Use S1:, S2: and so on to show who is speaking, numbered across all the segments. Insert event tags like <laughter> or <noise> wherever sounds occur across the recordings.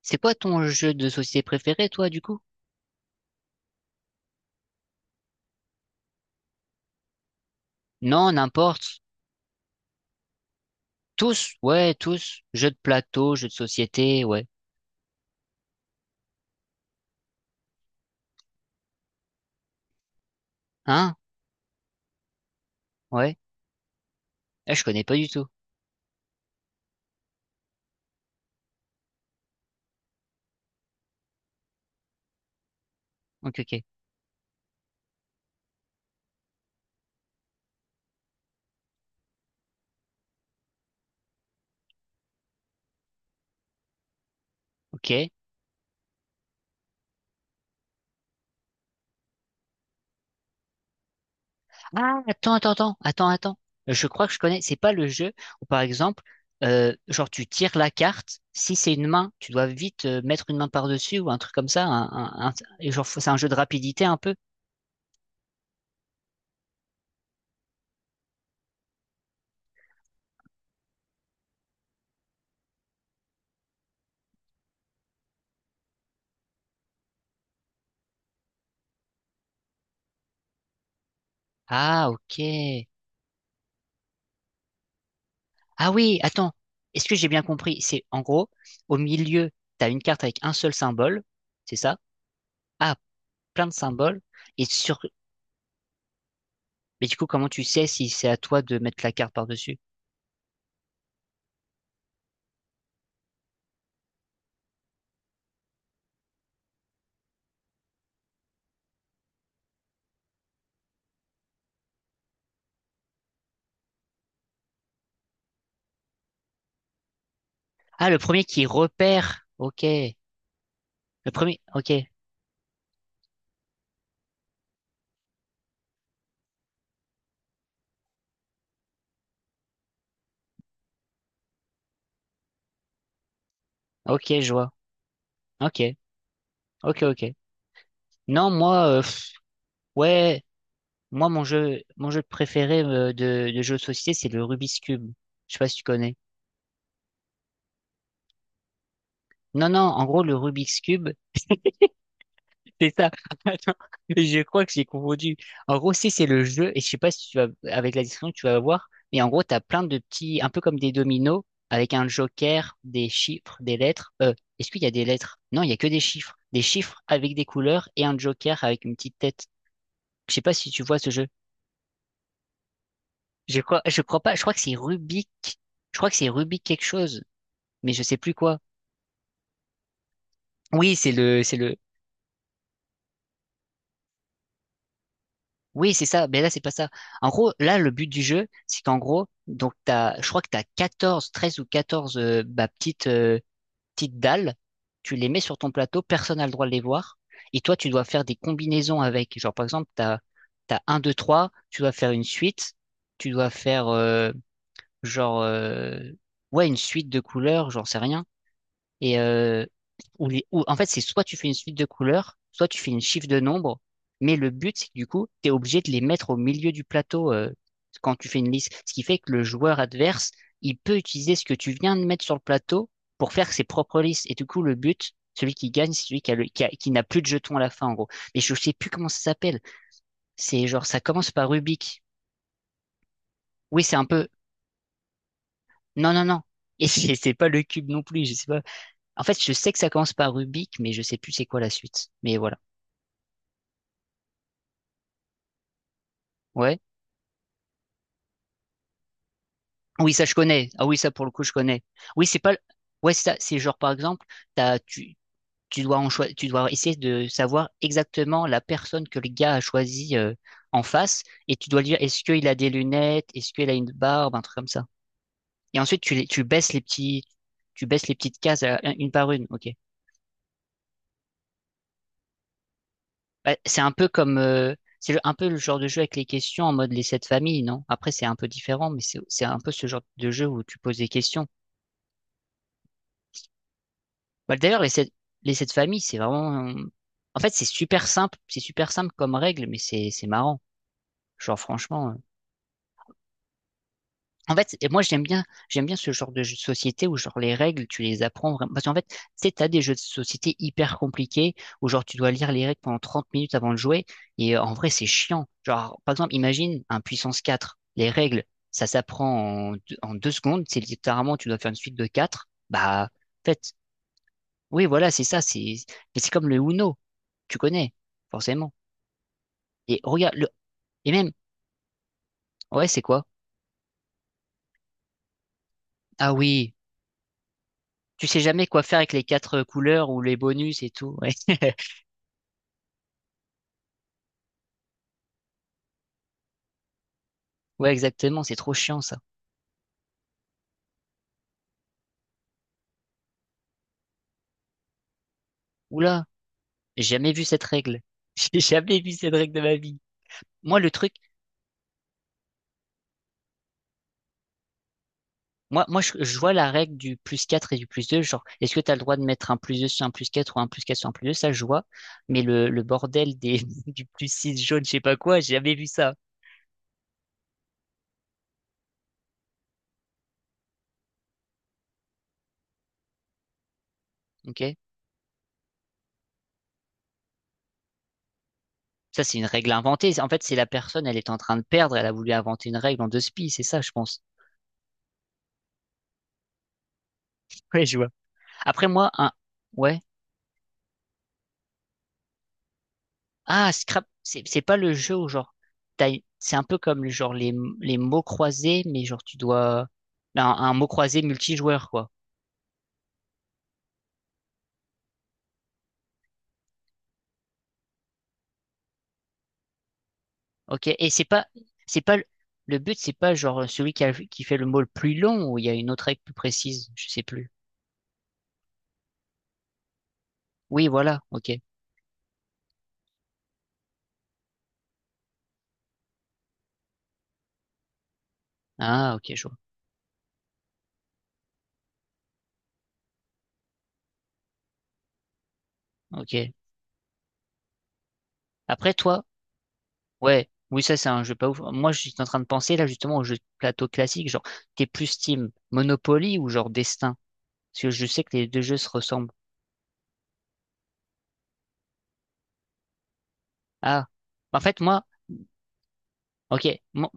S1: C'est quoi ton jeu de société préféré, toi, du coup? Non, n'importe. Tous, ouais, tous. Jeu de plateau, jeu de société, ouais. Hein? Ouais. Ah, je connais pas du tout. Ok, ok. Ok. Ah, attends, attends, attends, attends, attends. Je crois que je connais. C'est pas le jeu où, par exemple, genre tu tires la carte. Si c'est une main, tu dois vite mettre une main par-dessus ou un truc comme ça. Et genre, c'est un jeu de rapidité un peu. Ah, ok. Ah oui, attends. Est-ce que j'ai bien compris? C'est en gros, au milieu, t'as une carte avec un seul symbole. C'est ça? Ah, plein de symboles. Et sur. Mais du coup, comment tu sais si c'est à toi de mettre la carte par-dessus? Ah, le premier qui repère. Ok. Le premier. Ok. Ok, je vois. Ok. Ok, ok. Non, moi, pff, ouais, moi, mon jeu préféré de jeu de société, c'est le Rubik's Cube. Je sais pas si tu connais. Non, non, en gros, le Rubik's Cube, c'est ça. <laughs> Attends, je crois que j'ai confondu. En gros, c'est le jeu, et je sais pas si tu vas, avec la description, tu vas voir, mais en gros, t'as plein de petits, un peu comme des dominos, avec un joker, des chiffres, des lettres. Est-ce qu'il y a des lettres? Non, il y a que des chiffres. Des chiffres avec des couleurs et un joker avec une petite tête. Je sais pas si tu vois ce jeu. Je crois pas, je crois que c'est Rubik. Je crois que c'est Rubik quelque chose, mais je sais plus quoi. Oui, oui, c'est ça, mais là, c'est pas ça. En gros, là, le but du jeu, c'est qu'en gros, donc t'as, je crois que tu as 14, 13 ou 14 bah, petites dalles, tu les mets sur ton plateau, personne n'a le droit de les voir, et toi, tu dois faire des combinaisons avec. Genre, par exemple, t'as un 2 3 tu dois faire une suite, tu dois faire, genre, ouais, une suite de couleurs, j'en sais rien. Et en fait, c'est soit tu fais une suite de couleurs, soit tu fais une chiffre de nombres, mais le but, c'est que du coup, tu es obligé de les mettre au milieu du plateau quand tu fais une liste. Ce qui fait que le joueur adverse, il peut utiliser ce que tu viens de mettre sur le plateau pour faire ses propres listes. Et du coup, le but, celui qui gagne, c'est celui qui a le- qui a- qui n'a plus de jetons à la fin, en gros. Mais je sais plus comment ça s'appelle. C'est genre, ça commence par Rubik. Oui, c'est un peu. Non, non, non. Et <laughs> c'est pas le cube non plus, je sais pas. En fait, je sais que ça commence par Rubik, mais je sais plus c'est quoi la suite. Mais voilà. Ouais. Oui, ça je connais. Ah oui, ça pour le coup je connais. Oui, c'est pas. Ouais, c'est ça. C'est genre par exemple, t'as, tu, tu dois essayer de savoir exactement la personne que le gars a choisie en face, et tu dois lui dire est-ce qu'il a des lunettes, est-ce qu'il a une barbe, un truc comme ça. Et ensuite tu baisses les petits, tu baisses les petites cases une par une. Ok. Bah, c'est un peu comme, un peu le genre de jeu avec les questions en mode les Sept Familles, non? Après, c'est un peu différent, mais c'est un peu ce genre de jeu où tu poses des questions. Bah, d'ailleurs, les Sept Familles, c'est vraiment, en fait, c'est super simple comme règle, mais c'est marrant. Genre, franchement. En fait, et moi j'aime bien, ce genre de jeu de société où genre les règles, tu les apprends vraiment. Parce qu'en fait, tu sais, t'as des jeux de société hyper compliqués où genre tu dois lire les règles pendant 30 minutes avant de jouer. Et en vrai, c'est chiant. Genre, par exemple, imagine un Puissance 4. Les règles, ça s'apprend en deux secondes. C'est littéralement, tu dois faire une suite de 4. Bah, en fait, oui, voilà, c'est ça. Mais c'est comme le Uno. Tu connais, forcément. Et regarde, et même, ouais, c'est quoi? Ah oui. Tu sais jamais quoi faire avec les quatre couleurs ou les bonus et tout. Ouais, <laughs> ouais, exactement, c'est trop chiant ça. Oula, j'ai jamais vu cette règle. <laughs> J'ai jamais vu cette règle de ma vie. Moi, le truc, moi, moi, je vois la règle du plus 4 et du plus 2. Genre, est-ce que tu as le droit de mettre un plus 2 sur un plus 4 ou un plus 4 sur un plus 2 ça, je vois. Mais le bordel des, <laughs> du plus 6 jaune, je sais pas quoi, j'ai jamais vu ça. Ok? Ça, c'est une règle inventée. En fait, c'est la personne, elle est en train de perdre, elle a voulu inventer une règle en deux spies, c'est ça, je pense. <laughs> Ouais, je vois. Après, moi, un, ouais. Ah, Scrap, c'est pas le jeu où genre c'est un peu comme genre les mots croisés, mais genre tu dois un mot croisé multijoueur quoi. Ok. Et c'est pas le but, c'est pas genre celui qui fait le mot le plus long ou il y a une autre règle plus précise, je sais plus. Oui, voilà. Ok. Ah, ok, je vois. Ok. Après toi, ouais. Oui, ça c'est un jeu pas ouf. Moi, je suis en train de penser là justement au jeu de plateau classique, genre t'es plus team Monopoly ou genre Destin, parce que je sais que les deux jeux se ressemblent. Ah. En fait, moi. Ok. Mo-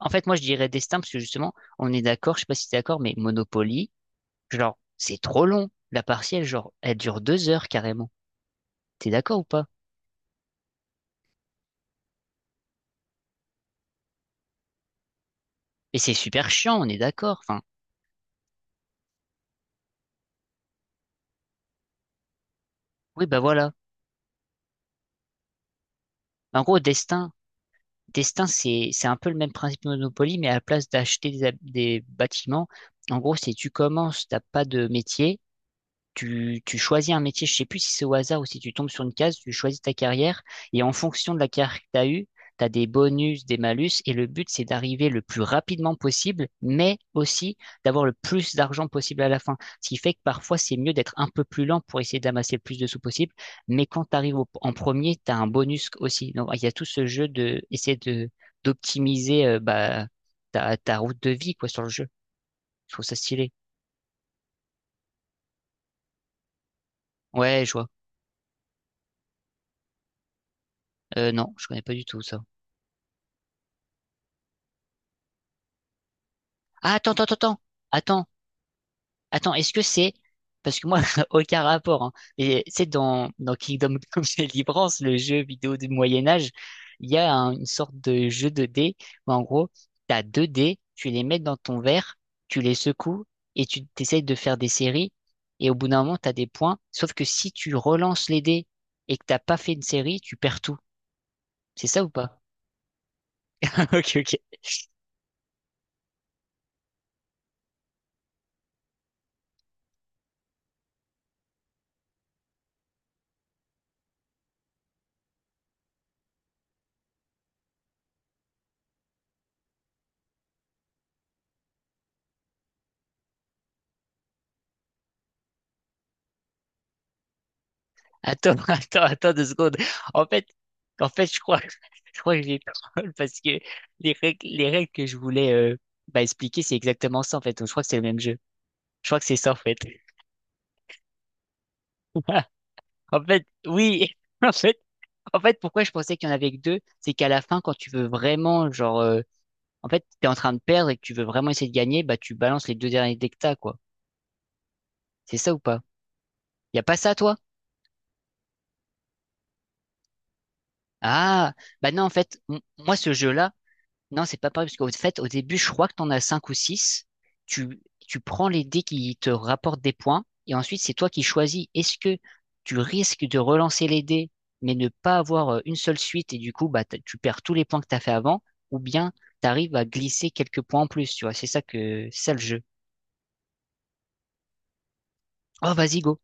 S1: En fait, moi, je dirais destin parce que justement, on est d'accord, je sais pas si t'es d'accord, mais Monopoly, genre, c'est trop long. La partielle, genre, elle dure 2 heures carrément. T'es d'accord ou pas? Et c'est super chiant, on est d'accord. Enfin, oui, bah voilà. En gros, destin, c'est, un peu le même principe que Monopoly, mais à la place d'acheter des bâtiments, en gros, c'est tu commences, t'as pas de métier, tu choisis un métier, je sais plus si c'est au hasard ou si tu tombes sur une case, tu choisis ta carrière et en fonction de la carrière que tu as eue, tu as des bonus, des malus et le but c'est d'arriver le plus rapidement possible, mais aussi d'avoir le plus d'argent possible à la fin. Ce qui fait que parfois c'est mieux d'être un peu plus lent pour essayer d'amasser le plus de sous possible, mais quand tu arrives en premier, tu as un bonus aussi. Donc il y a tout ce jeu de essayer de d'optimiser bah, ta route de vie quoi sur le jeu. Je trouve ça stylé. Ouais, je vois. Non, je connais pas du tout ça. Ah, attends, attends, attends, attends, attends, est-ce que c'est. Parce que moi, <laughs> aucun rapport. Hein. Et c'est dans Kingdom Come <laughs> Deliverance, le jeu vidéo du Moyen Âge, il y a une sorte de jeu de dés où en gros, t'as deux dés, tu les mets dans ton verre, tu les secoues et tu t'essayes de faire des séries. Et au bout d'un moment, t'as des points. Sauf que si tu relances les dés et que t'as pas fait une série, tu perds tout. C'est ça ou pas? <laughs> Ok, ok. Attends, <laughs> attends, attends deux secondes. En fait, en fait, je crois, <laughs> je crois que j'ai troll <laughs> parce que les règles que je voulais bah, expliquer, c'est exactement ça en fait. Donc, je crois que c'est le même jeu. Je crois que c'est ça en fait. <laughs> En fait, oui. <laughs> En fait, en fait, pourquoi je pensais qu'il y en avait que deux, c'est qu'à la fin, quand tu veux vraiment, genre, en fait, t'es en train de perdre et que tu veux vraiment essayer de gagner, bah, tu balances les deux derniers dès que t'as, quoi. C'est ça ou pas? Y a pas ça, toi? Ah, bah non, en fait, moi, ce jeu-là. Non, c'est pas pareil, parce qu'au fait, au début, je crois que t'en as 5 ou 6. Tu, Tu prends les dés qui te rapportent des points, et ensuite, c'est toi qui choisis. Est-ce que tu risques de relancer les dés, mais ne pas avoir une seule suite, et du coup, bah, tu perds tous les points que t'as fait avant, ou bien t'arrives à glisser quelques points en plus, tu vois. C'est ça le jeu. Oh, vas-y, go.